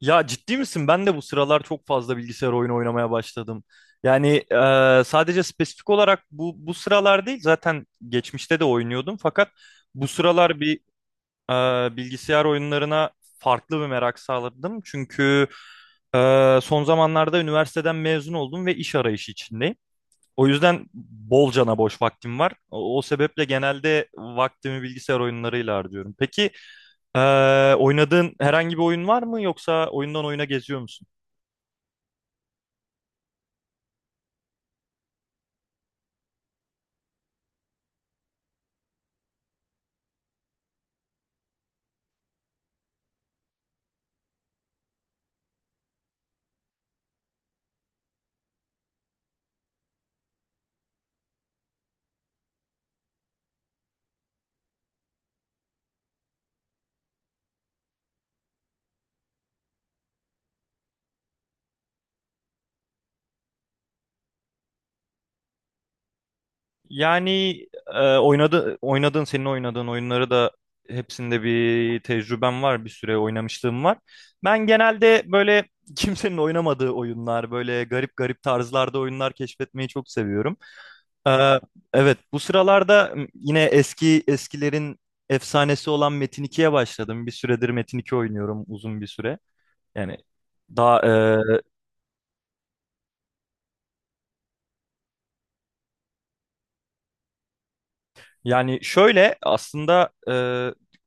Ya ciddi misin? Ben de bu sıralar çok fazla bilgisayar oyunu oynamaya başladım. Yani sadece spesifik olarak bu sıralar değil, zaten geçmişte de oynuyordum. Fakat bu sıralar bir bilgisayar oyunlarına farklı bir merak sağladım. Çünkü e, son zamanlarda üniversiteden mezun oldum ve iş arayışı içindeyim. O yüzden bolcana boş vaktim var. O sebeple genelde vaktimi bilgisayar oyunlarıyla harcıyorum. Peki. Oynadığın herhangi bir oyun var mı yoksa oyundan oyuna geziyor musun? Yani oynadığın senin oynadığın oyunları da hepsinde bir tecrübem var, bir süre oynamışlığım var. Ben genelde böyle kimsenin oynamadığı oyunlar, böyle garip garip tarzlarda oyunlar keşfetmeyi çok seviyorum. Ee, evet, bu sıralarda yine eski eskilerin efsanesi olan Metin 2'ye başladım. Bir süredir Metin 2 oynuyorum uzun bir süre. Yani daha Yani şöyle aslında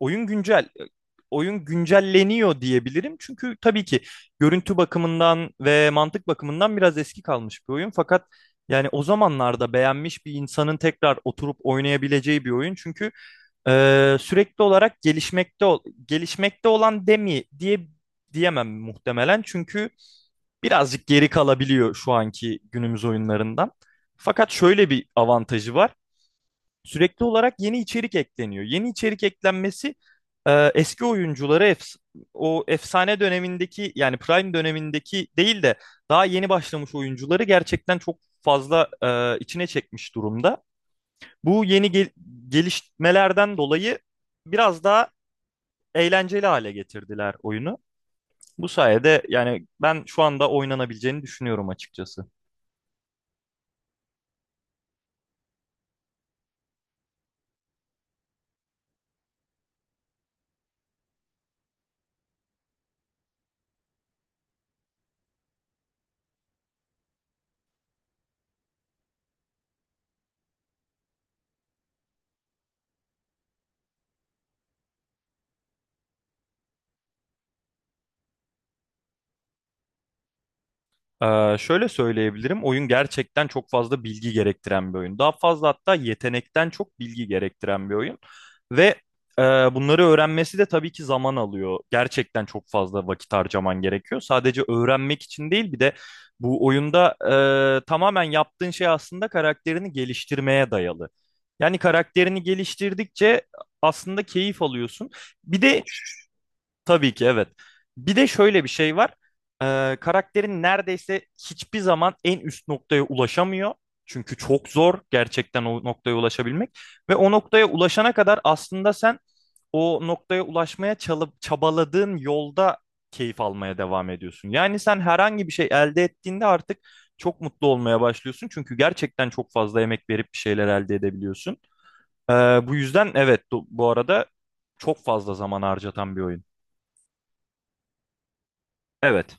oyun güncel e, oyun güncelleniyor diyebilirim. Çünkü tabii ki görüntü bakımından ve mantık bakımından biraz eski kalmış bir oyun. Fakat yani o zamanlarda beğenmiş bir insanın tekrar oturup oynayabileceği bir oyun. Çünkü sürekli olarak gelişmekte olan demi diye diyemem muhtemelen. Çünkü birazcık geri kalabiliyor şu anki günümüz oyunlarından. Fakat şöyle bir avantajı var. Sürekli olarak yeni içerik ekleniyor. Yeni içerik eklenmesi eski o efsane dönemindeki yani Prime dönemindeki değil de daha yeni başlamış oyuncuları gerçekten çok fazla içine çekmiş durumda. Bu yeni gel- gelişmelerden dolayı biraz daha eğlenceli hale getirdiler oyunu. Bu sayede yani ben şu anda oynanabileceğini düşünüyorum açıkçası. Şöyle söyleyebilirim. Oyun gerçekten çok fazla bilgi gerektiren bir oyun. Daha fazla hatta yetenekten çok bilgi gerektiren bir oyun. Ve e, bunları öğrenmesi de tabii ki zaman alıyor. Gerçekten çok fazla vakit harcaman gerekiyor. Sadece öğrenmek için değil bir de bu oyunda tamamen yaptığın şey aslında karakterini geliştirmeye dayalı. Yani karakterini geliştirdikçe aslında keyif alıyorsun. Bir de Tabii ki evet. Bir de şöyle bir şey var. Karakterin neredeyse hiçbir zaman en üst noktaya ulaşamıyor. Çünkü çok zor gerçekten o noktaya ulaşabilmek. Ve o noktaya ulaşana kadar aslında sen o noktaya ulaşmaya çalıp çabaladığın yolda keyif almaya devam ediyorsun. Yani sen herhangi bir şey elde ettiğinde artık çok mutlu olmaya başlıyorsun. Çünkü gerçekten çok fazla emek verip bir şeyler elde edebiliyorsun. Ee, bu yüzden evet do- Bu arada çok fazla zaman harcatan bir oyun. Evet.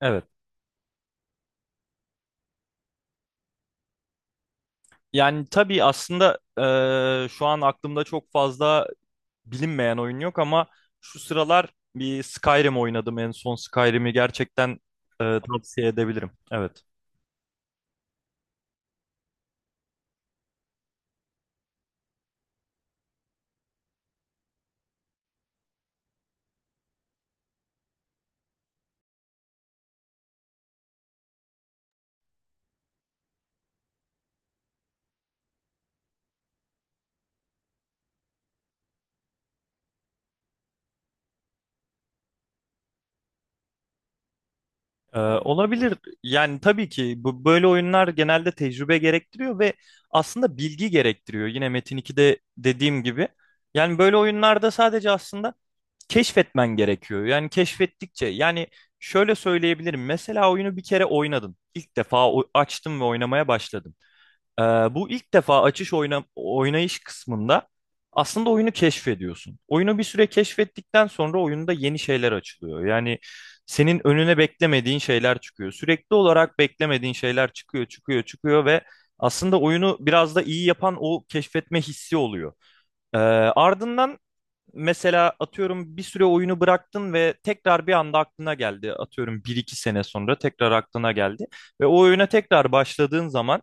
Evet. Yani tabii aslında şu an aklımda çok fazla bilinmeyen oyun yok ama şu sıralar bir Skyrim oynadım. En son Skyrim'i gerçekten tavsiye edebilirim. Evet. Olabilir. Yani tabii ki bu böyle oyunlar genelde tecrübe gerektiriyor ve aslında bilgi gerektiriyor. Yine Metin 2'de dediğim gibi. Yani böyle oyunlarda sadece aslında keşfetmen gerekiyor. Yani keşfettikçe yani şöyle söyleyebilirim. Mesela oyunu bir kere oynadın. İlk defa açtın ve oynamaya başladın. Bu ilk defa açış oynayış kısmında aslında oyunu keşfediyorsun. Oyunu bir süre keşfettikten sonra oyunda yeni şeyler açılıyor. Yani senin önüne beklemediğin şeyler çıkıyor. Sürekli olarak beklemediğin şeyler çıkıyor, çıkıyor, çıkıyor ve aslında oyunu biraz da iyi yapan o keşfetme hissi oluyor. Ee, ardından Mesela atıyorum bir süre oyunu bıraktın ve tekrar bir anda aklına geldi. Atıyorum bir 2 sene sonra tekrar aklına geldi. Ve o oyuna tekrar başladığın zaman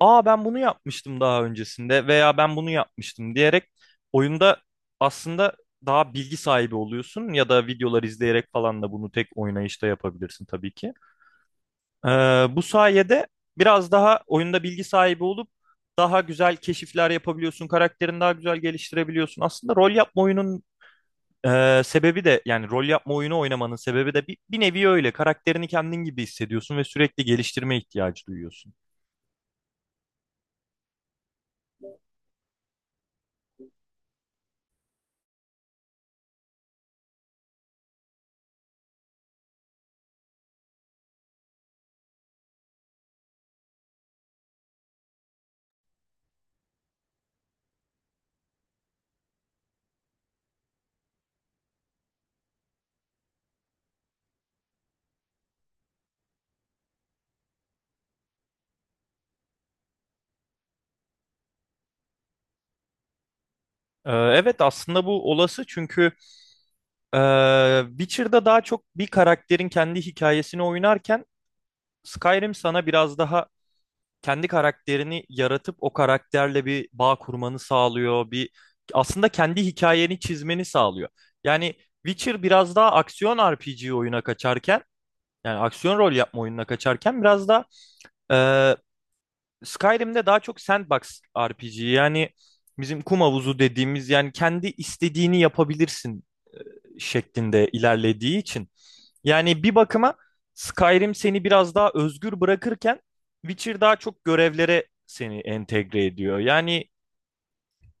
aa ben bunu yapmıştım daha öncesinde veya ben bunu yapmıştım diyerek oyunda aslında daha bilgi sahibi oluyorsun ya da videolar izleyerek falan da bunu tek oynayışta yapabilirsin tabii ki. Ee, Bu sayede biraz daha oyunda bilgi sahibi olup daha güzel keşifler yapabiliyorsun, karakterini daha güzel geliştirebiliyorsun. Aslında rol yapma oyunun sebebi de yani rol yapma oyunu oynamanın sebebi de bir nevi öyle. Karakterini kendin gibi hissediyorsun ve sürekli geliştirme ihtiyacı duyuyorsun. Evet, aslında bu olası çünkü e, Witcher'da daha çok bir karakterin kendi hikayesini oynarken Skyrim sana biraz daha kendi karakterini yaratıp o karakterle bir bağ kurmanı sağlıyor. Aslında kendi hikayeni çizmeni sağlıyor. Yani Witcher biraz daha aksiyon RPG oyuna kaçarken yani aksiyon rol yapma oyununa kaçarken biraz da e, Skyrim'de daha çok sandbox RPG yani bizim kum havuzu dediğimiz yani kendi istediğini yapabilirsin şeklinde ilerlediği için. Yani bir bakıma Skyrim seni biraz daha özgür bırakırken Witcher daha çok görevlere seni entegre ediyor. Yani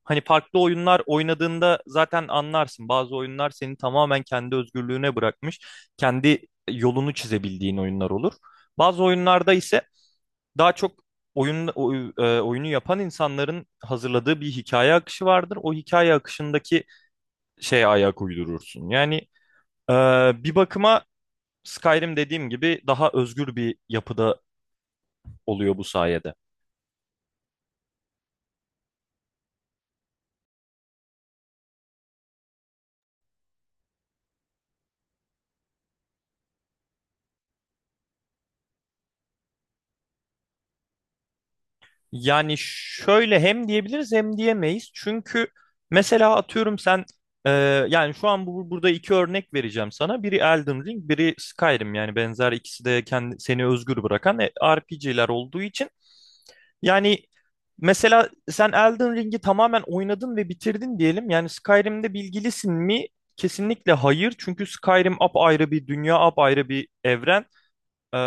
hani farklı oyunlar oynadığında zaten anlarsın. Bazı oyunlar seni tamamen kendi özgürlüğüne bırakmış, kendi yolunu çizebildiğin oyunlar olur. Bazı oyunlarda ise daha çok oyunu yapan insanların hazırladığı bir hikaye akışı vardır. O hikaye akışındaki şeye ayak uydurursun. Yani e, bir bakıma Skyrim dediğim gibi daha özgür bir yapıda oluyor bu sayede. Yani şöyle hem diyebiliriz hem diyemeyiz. Çünkü mesela atıyorum sen e, yani şu an burada iki örnek vereceğim sana. Biri Elden Ring, biri Skyrim. Yani benzer ikisi de seni özgür bırakan RPG'ler olduğu için. Yani mesela sen Elden Ring'i tamamen oynadın ve bitirdin diyelim. Yani Skyrim'de bilgilisin mi? Kesinlikle hayır. Çünkü Skyrim apayrı bir dünya, apayrı bir evren. Ee,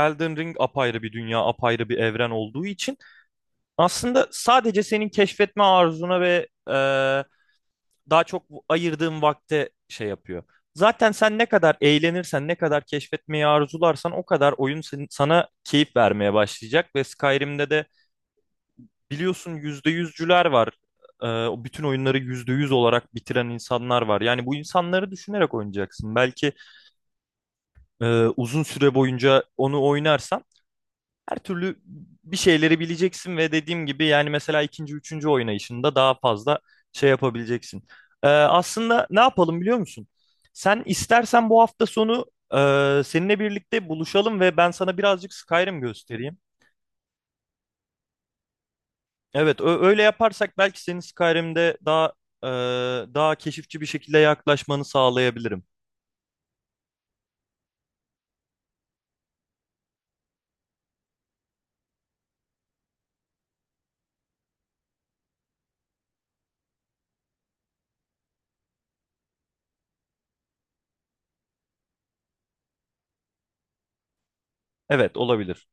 Elden Ring apayrı bir dünya, apayrı bir evren olduğu için. Aslında sadece senin keşfetme arzuna ve daha çok ayırdığın vakte şey yapıyor. Zaten sen ne kadar eğlenirsen, ne kadar keşfetmeyi arzularsan o kadar oyun sana keyif vermeye başlayacak. Ve Skyrim'de de biliyorsun %100'cüler var. E, o bütün oyunları %100 olarak bitiren insanlar var. Yani bu insanları düşünerek oynayacaksın. Belki e, uzun süre boyunca onu oynarsan her türlü bir şeyleri bileceksin ve dediğim gibi yani mesela ikinci, üçüncü oynayışında daha fazla şey yapabileceksin. Aslında ne yapalım biliyor musun? Sen istersen bu hafta sonu seninle birlikte buluşalım ve ben sana birazcık Skyrim göstereyim. Evet, öyle yaparsak belki senin Skyrim'de daha e, daha keşifçi bir şekilde yaklaşmanı sağlayabilirim. Evet, olabilir.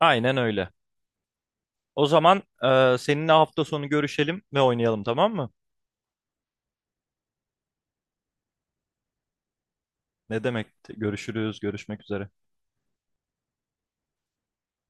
Aynen öyle. O zaman seninle hafta sonu görüşelim ve oynayalım, tamam mı? Ne demek? Görüşürüz, görüşmek üzere.